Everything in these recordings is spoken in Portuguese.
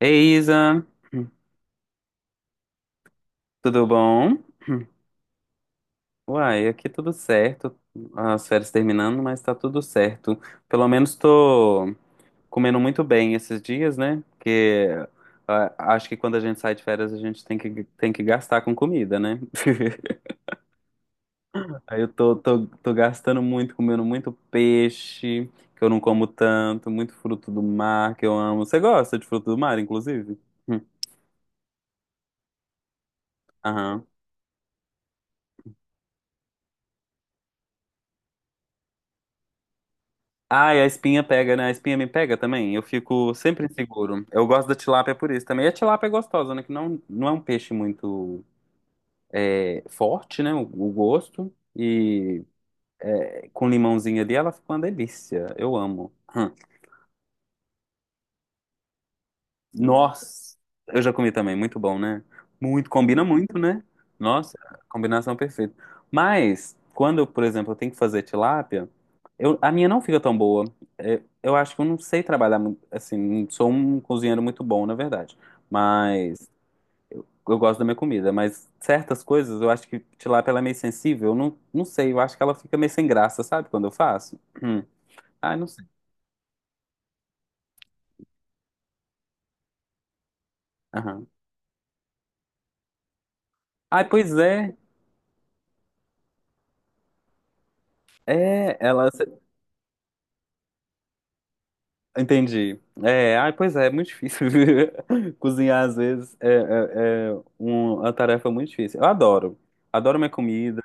Ei, Isa, tudo bom? Uai, aqui tudo certo. As férias terminando, mas tá tudo certo. Pelo menos tô comendo muito bem esses dias, né? Porque acho que quando a gente sai de férias, a gente tem que gastar com comida, né? Aí eu tô gastando muito, comendo muito peixe, que eu não como tanto, muito fruto do mar, que eu amo. Você gosta de fruto do mar, inclusive? Hum. Aham. Ai, a espinha pega, né? A espinha me pega também. Eu fico sempre inseguro. Eu gosto da tilápia por isso também. E a tilápia é gostosa, né? Que não é um peixe muito forte, né? O gosto. E com limãozinho ali, ela fica uma delícia. Eu amo. Hum. Nossa, eu já comi também, muito bom, né? Muito, combina muito, né? Nossa, combinação perfeita. Mas, quando, eu, por exemplo, eu tenho que fazer tilápia, eu, a minha não fica tão boa. Eu acho que eu não sei trabalhar, muito, assim, não sou um cozinheiro muito bom, na verdade. Mas, eu gosto da minha comida. Mas, certas coisas, eu acho que tilápia ela é meio sensível. Eu não sei, eu acho que ela fica meio sem graça, sabe? Quando eu faço. Hum. Ai, não sei. Aham. Ai, pois é. É, ela. Entendi. É, ai, pois é, é muito difícil. Cozinhar, às vezes, é uma tarefa muito difícil. Eu adoro. Adoro minha comida.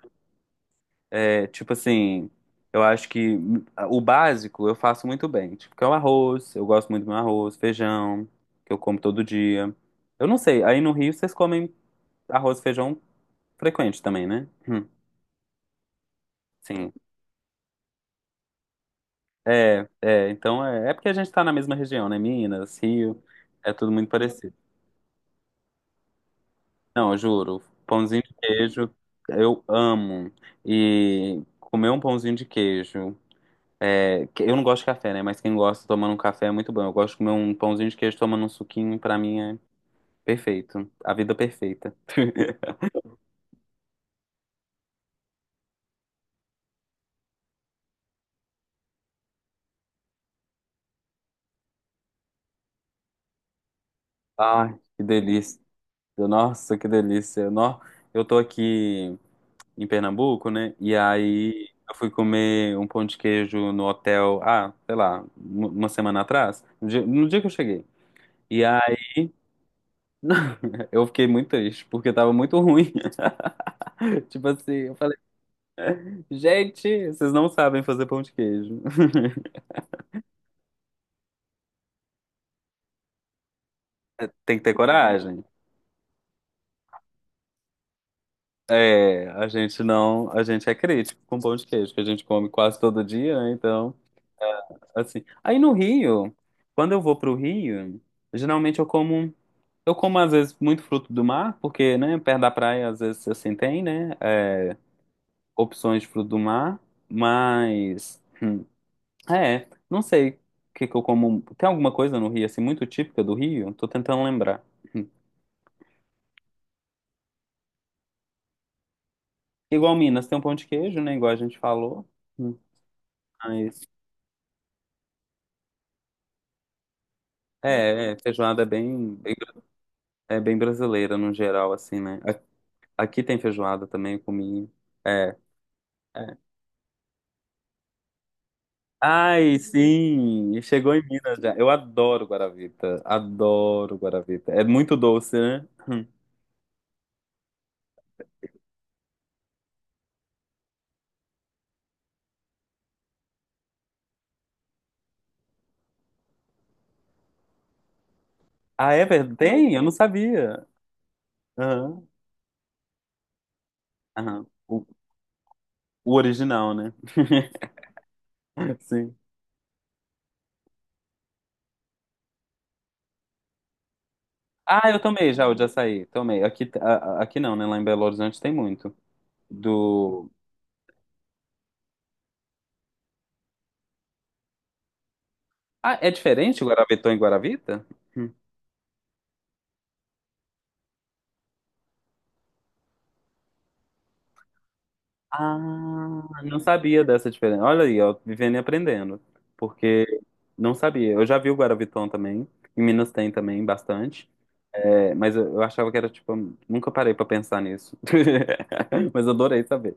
É, tipo assim, eu acho que o básico eu faço muito bem. Tipo, que é o arroz, eu gosto muito do meu arroz, feijão, que eu como todo dia. Eu não sei, aí no Rio vocês comem arroz e feijão frequente também, né? Sim. Então é porque a gente tá na mesma região, né? Minas, Rio, é tudo muito parecido. Não, eu juro. Pãozinho de queijo, eu amo. E comer um pãozinho de queijo. Eu não gosto de café, né? Mas quem gosta tomando um café é muito bom. Eu gosto de comer um pãozinho de queijo tomando um suquinho, pra mim é perfeito. A vida perfeita. Ai, que delícia. Nossa, que delícia. Nó, eu tô aqui em Pernambuco, né? E aí eu fui comer um pão de queijo no hotel, ah, sei lá, uma semana atrás, no dia que eu cheguei. E não, eu fiquei muito triste, porque tava muito ruim. Tipo assim, eu falei, gente, vocês não sabem fazer pão de queijo. Tem que ter coragem. É, a gente não, a gente é crítico com pão de queijo, que a gente come quase todo dia, né? Então, assim. Aí no Rio, quando eu vou pro Rio, geralmente eu como às vezes muito fruto do mar, porque, né, perto da praia às vezes assim tem, né, opções de fruto do mar, mas é, não sei o que que eu como. Tem alguma coisa no Rio, assim, muito típica do Rio? Tô tentando lembrar. Hum. Igual Minas, tem um pão de queijo, né? Igual a gente falou. Hum. Mas, feijoada é é bem brasileira no geral, assim, né? A- Aqui tem feijoada também, eu comi. É, é. Ai, sim! Chegou em Minas já. Eu adoro guaravita. Adoro guaravita. É muito doce, né? Hum. Ah, é verdade? Tem? Eu não sabia. Aham. Aham. O original, né? Sim. Ah, eu tomei já o de açaí. Tomei. Aqui, aqui não, né? Lá em Belo Horizonte tem muito. Do. Ah, é diferente o Guaravetô e Guaravita? Hum. Ah, não sabia dessa diferença. Olha aí, ó, vivendo e aprendendo. Porque não sabia. Eu já vi o Guaraviton também. Em Minas tem também bastante. É, mas eu achava que era tipo. Nunca parei pra pensar nisso. Mas adorei saber.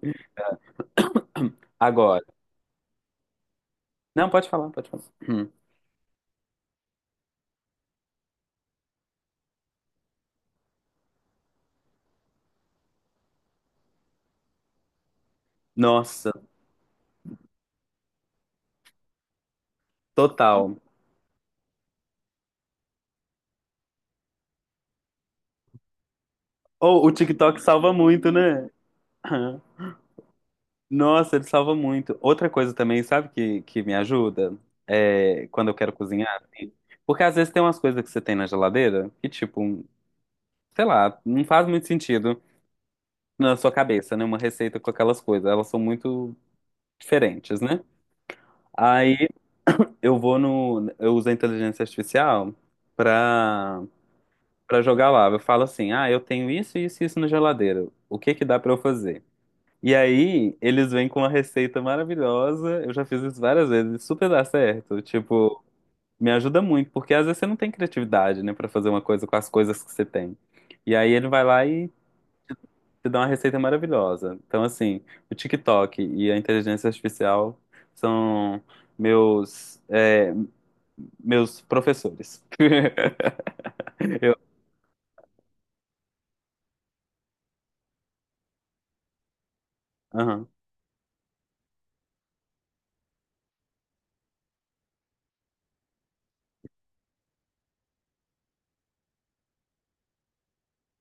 Agora. Não, pode falar, pode falar. Hum. Nossa, total. Ou o TikTok salva muito, né? Aham. Nossa, ele salva muito. Outra coisa também, sabe que me ajuda? É quando eu quero cozinhar, assim. Porque às vezes tem umas coisas que você tem na geladeira que, tipo, sei lá, não faz muito sentido na sua cabeça, né? Uma receita com aquelas coisas. Elas são muito diferentes, né? Aí eu vou no. Eu uso a inteligência artificial pra, pra jogar lá. Eu falo assim: ah, eu tenho isso, isso e isso na geladeira. O que que dá pra eu fazer? E aí, eles vêm com uma receita maravilhosa. Eu já fiz isso várias vezes, e super dá certo. Tipo, me ajuda muito, porque às vezes você não tem criatividade, né, pra fazer uma coisa com as coisas que você tem. E aí ele vai lá e te dá uma receita maravilhosa. Então, assim, o TikTok e a inteligência artificial são meus é, meus professores. Eu, aham.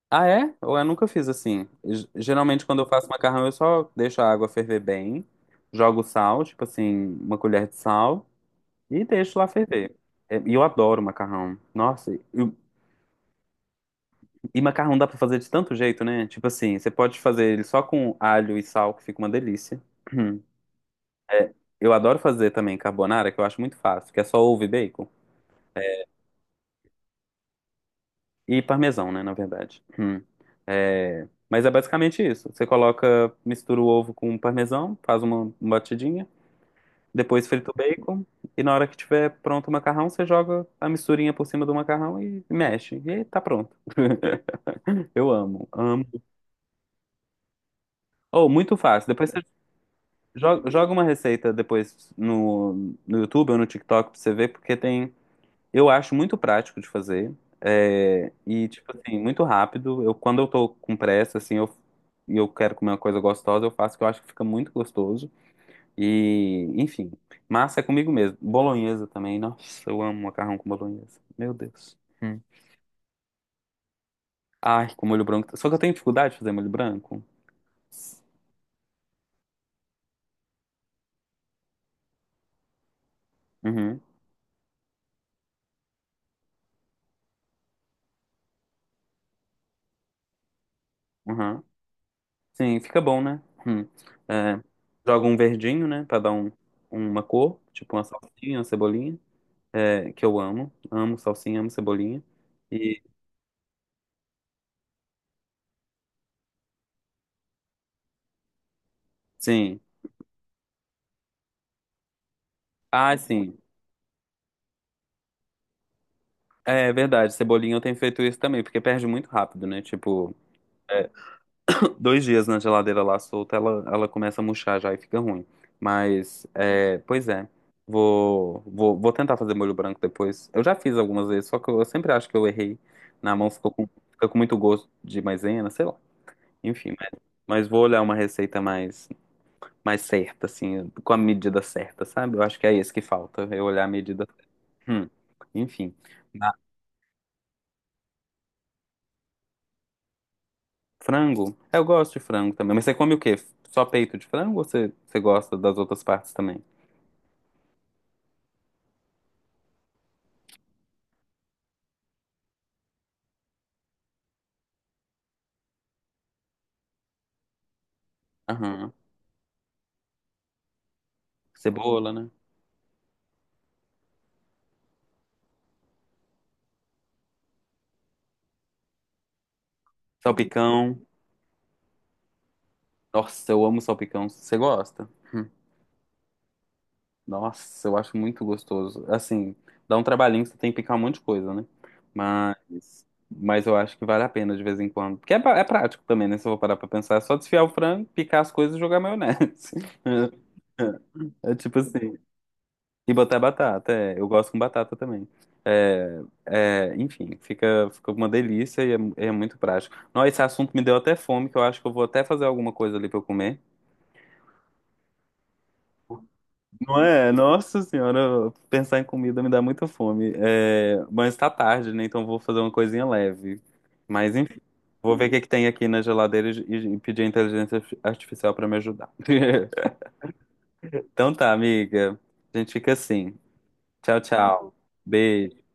Ah, é? Ou eu nunca fiz assim. G- Geralmente, quando eu faço macarrão, eu só deixo a água ferver bem, jogo sal, tipo assim, uma colher de sal, e deixo lá ferver. É, e eu adoro macarrão. E macarrão dá pra fazer de tanto jeito, né? Tipo assim, você pode fazer ele só com alho e sal, que fica uma delícia. É, eu adoro fazer também carbonara, que eu acho muito fácil, que é só ovo e bacon. E parmesão, né, na verdade. Hum. É, mas é basicamente isso. Você coloca, mistura o ovo com parmesão, faz uma batidinha, depois frita o bacon, e na hora que tiver pronto o macarrão, você joga a misturinha por cima do macarrão e mexe. E aí tá pronto. Eu amo, amo. Oh, muito fácil. Depois você joga uma receita depois no YouTube ou no TikTok pra você ver, porque tem. Eu acho muito prático de fazer. E, tipo assim, muito rápido. Eu, quando eu tô com pressa, assim, e eu quero comer uma coisa gostosa, eu faço que eu acho que fica muito gostoso. E, enfim, massa é comigo mesmo. Bolonhesa também. Nossa, eu amo macarrão com bolonhesa. Meu Deus. Hum. Ai, com molho branco. Só que eu tenho dificuldade de fazer molho branco. Uhum, uhum. Sim, fica bom, né? Hum. É, joga um verdinho, né? Pra dar um, uma cor, tipo uma salsinha, uma cebolinha. Que eu amo. Amo salsinha, amo cebolinha. E sim. Ah, sim. É verdade, cebolinha eu tenho feito isso também, porque perde muito rápido, né? Tipo, dois dias na geladeira lá solta, ela começa a murchar já e fica ruim. Mas, é, pois é, vou tentar fazer molho branco depois. Eu já fiz algumas vezes, só que eu sempre acho que eu errei. Na mão ficou com, fica com muito gosto de maisena, sei lá. Enfim, mas vou olhar uma receita mais. Mais certa, assim, com a medida certa, sabe? Eu acho que é isso que falta, eu olhar a medida. Hum, Enfim. Ah, frango? Eu gosto de frango também. Mas você come o quê? Só peito de frango ou você gosta das outras partes também? Aham. Cebola, né? Salpicão. Nossa, eu amo salpicão. Você gosta? Hum. Nossa, eu acho muito gostoso. Assim, dá um trabalhinho, você tem que picar um monte de coisa, né? Mas eu acho que vale a pena de vez em quando. Porque é prático também, né? Se eu vou parar pra pensar, é só desfiar o frango, picar as coisas e jogar maionese. É tipo assim. E botar batata, é. Eu gosto com batata também. Enfim, fica uma delícia e é muito prático. Não, esse assunto me deu até fome, que eu acho que eu vou até fazer alguma coisa ali pra eu comer. Não é? Nossa senhora, pensar em comida me dá muita fome. É, mas tá tarde, né? Então vou fazer uma coisinha leve. Mas enfim, vou ver o que é que tem aqui na geladeira e pedir a inteligência artificial pra me ajudar. Então tá, amiga. A gente fica assim. Tchau, tchau. Beijo.